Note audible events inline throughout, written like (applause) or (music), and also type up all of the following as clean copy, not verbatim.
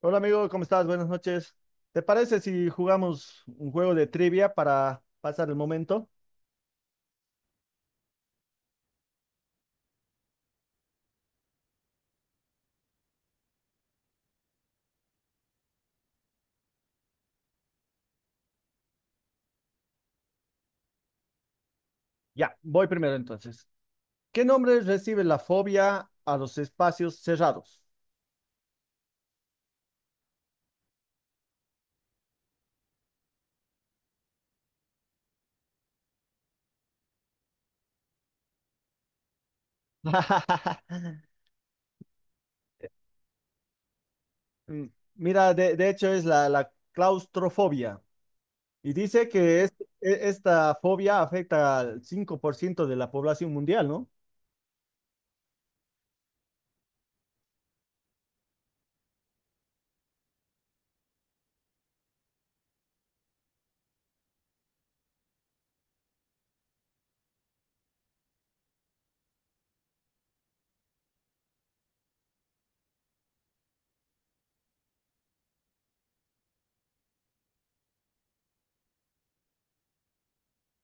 Hola amigo, ¿cómo estás? Buenas noches. ¿Te parece si jugamos un juego de trivia para pasar el momento? Ya, voy primero entonces. ¿Qué nombre recibe la fobia a los espacios cerrados? (laughs) Mm, Mira, de hecho es la claustrofobia y dice que esta fobia afecta al 5% de la población mundial, ¿no?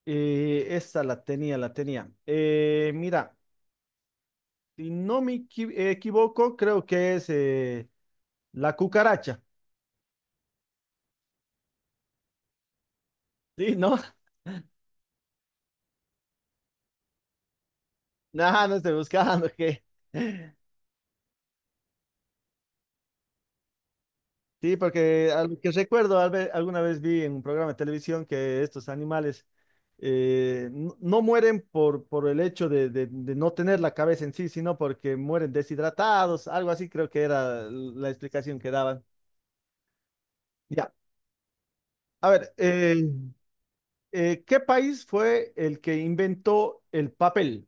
Esta la tenía, la tenía. Mira, si no me equivoco, creo que es la cucaracha. Sí, ¿no? Nada, no estoy buscando, (laughs) ¿qué? Sí, porque a lo que recuerdo, alguna vez vi en un programa de televisión que estos animales no, no mueren por el hecho de no tener la cabeza en sí, sino porque mueren deshidratados, algo así creo que era la explicación que daban. Ya, a ver, ¿qué país fue el que inventó el papel?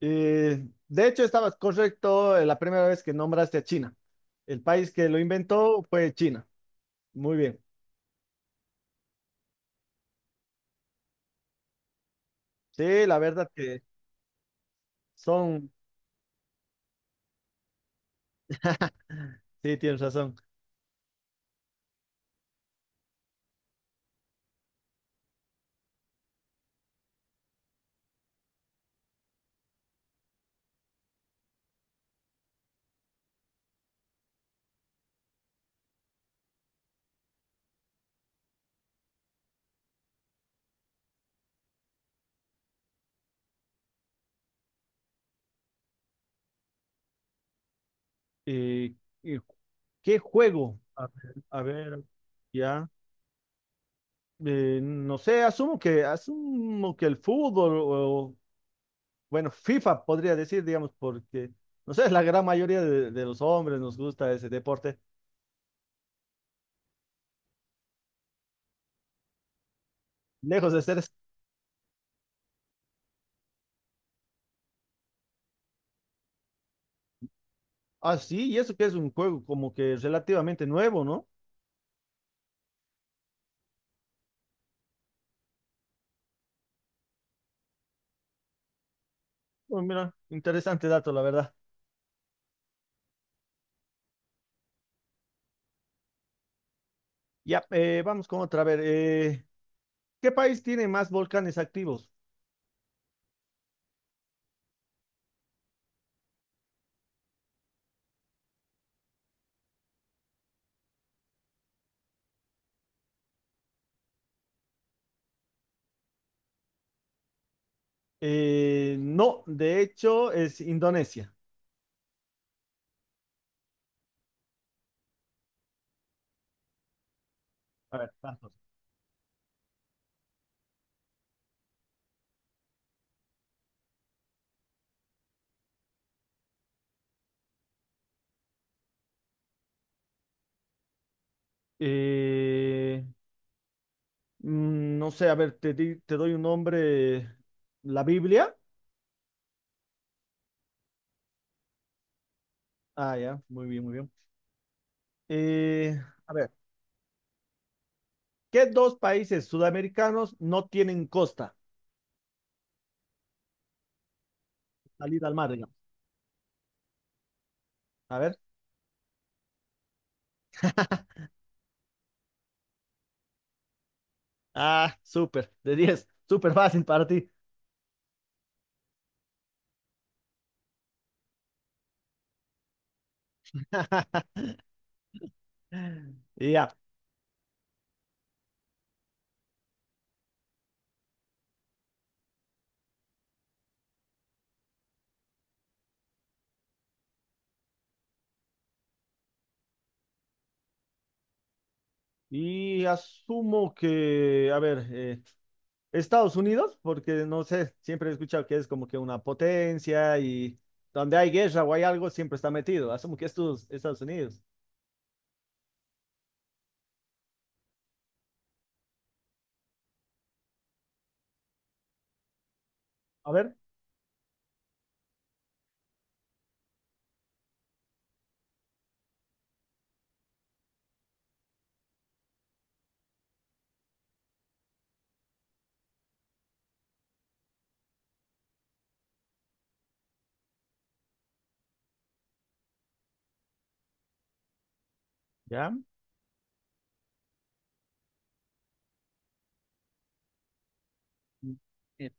De hecho, estabas correcto, la primera vez que nombraste a China. El país que lo inventó fue China. Muy bien. Sí, la verdad que son, sí, tienes razón. Eh, eh, ¿Qué juego? A ver, ya. No sé, asumo que el fútbol o, bueno, FIFA podría decir, digamos, porque no sé, la gran mayoría de los hombres nos gusta ese deporte. Lejos de ser así, y eso que es un juego como que relativamente nuevo, ¿no? Oh, mira, interesante dato, la verdad. Ya, vamos con otra. A ver, ¿qué país tiene más volcanes activos? No, de hecho es Indonesia. A ver, ¿cuántos? Eh, no sé, a ver, te doy un nombre. ¿La Biblia? Ah, ya, muy bien, muy bien. Eh, a ver, ¿qué dos países sudamericanos no tienen costa? Salida al mar, digamos. A ver. Ah, súper, de diez. Súper fácil para ti. (laughs) Ya. Y asumo que, a ver, Estados Unidos, porque no sé, siempre he escuchado que es como que una potencia y donde hay guerra o hay algo, siempre está metido. Asumo que estos Estados Unidos. A ver, ya. Eh,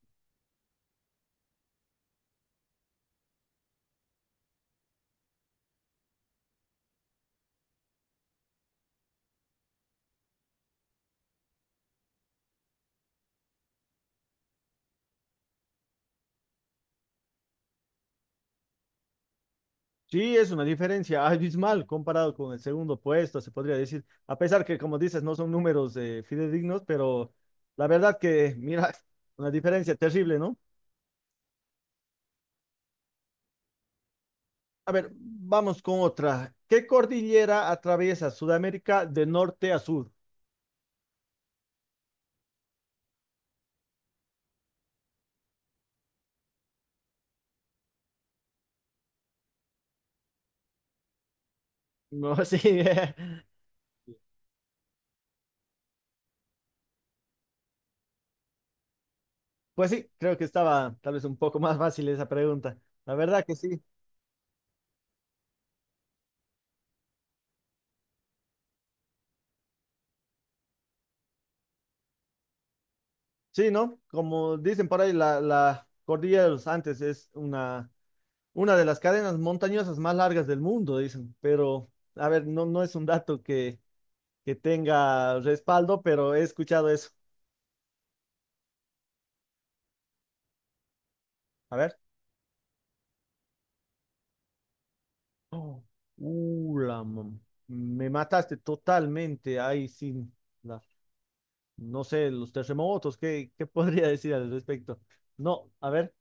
sí, es una diferencia abismal comparado con el segundo puesto, se podría decir. A pesar que, como dices, no son números fidedignos, pero la verdad que, mira, (laughs) una diferencia terrible, ¿no? A ver, vamos con otra. ¿Qué cordillera atraviesa Sudamérica de norte a sur? No, (laughs) sí, pues sí, creo que estaba tal vez un poco más fácil esa pregunta. La verdad que sí. Sí, ¿no? Como dicen por ahí, la cordillera de los Andes es una de las cadenas montañosas más largas del mundo, dicen. Pero, a ver, no, no es un dato que tenga respaldo, pero he escuchado eso. A ver. Oh, uh, la mam- me mataste totalmente. Ay, sin la- no sé, los terremotos, ¿qué (laughs) podría decir al respecto? No, a ver,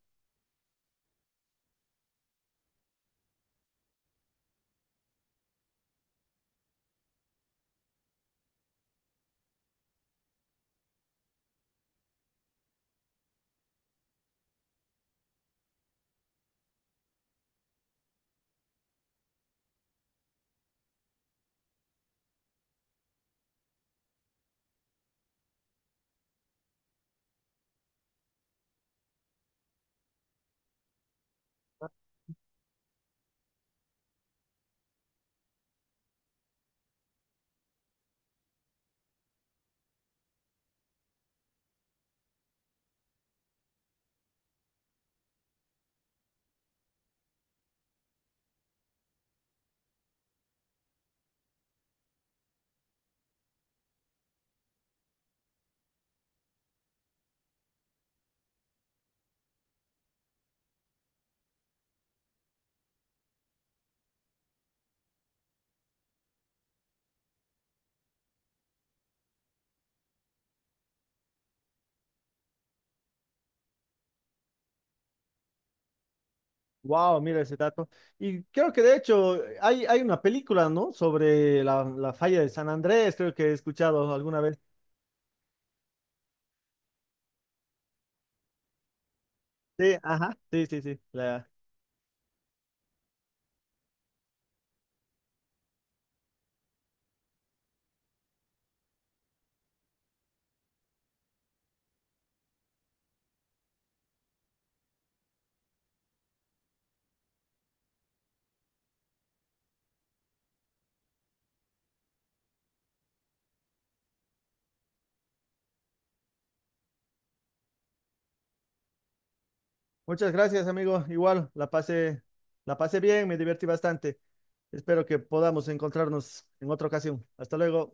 wow, mira ese dato. Y creo que de hecho hay, hay una película, ¿no? Sobre la falla de San Andrés, creo que he escuchado alguna vez. Sí, ajá, sí, sí, sí. La- Muchas gracias, amigo. Igual, la pasé bien, me divertí bastante. Espero que podamos encontrarnos en otra ocasión. Hasta luego.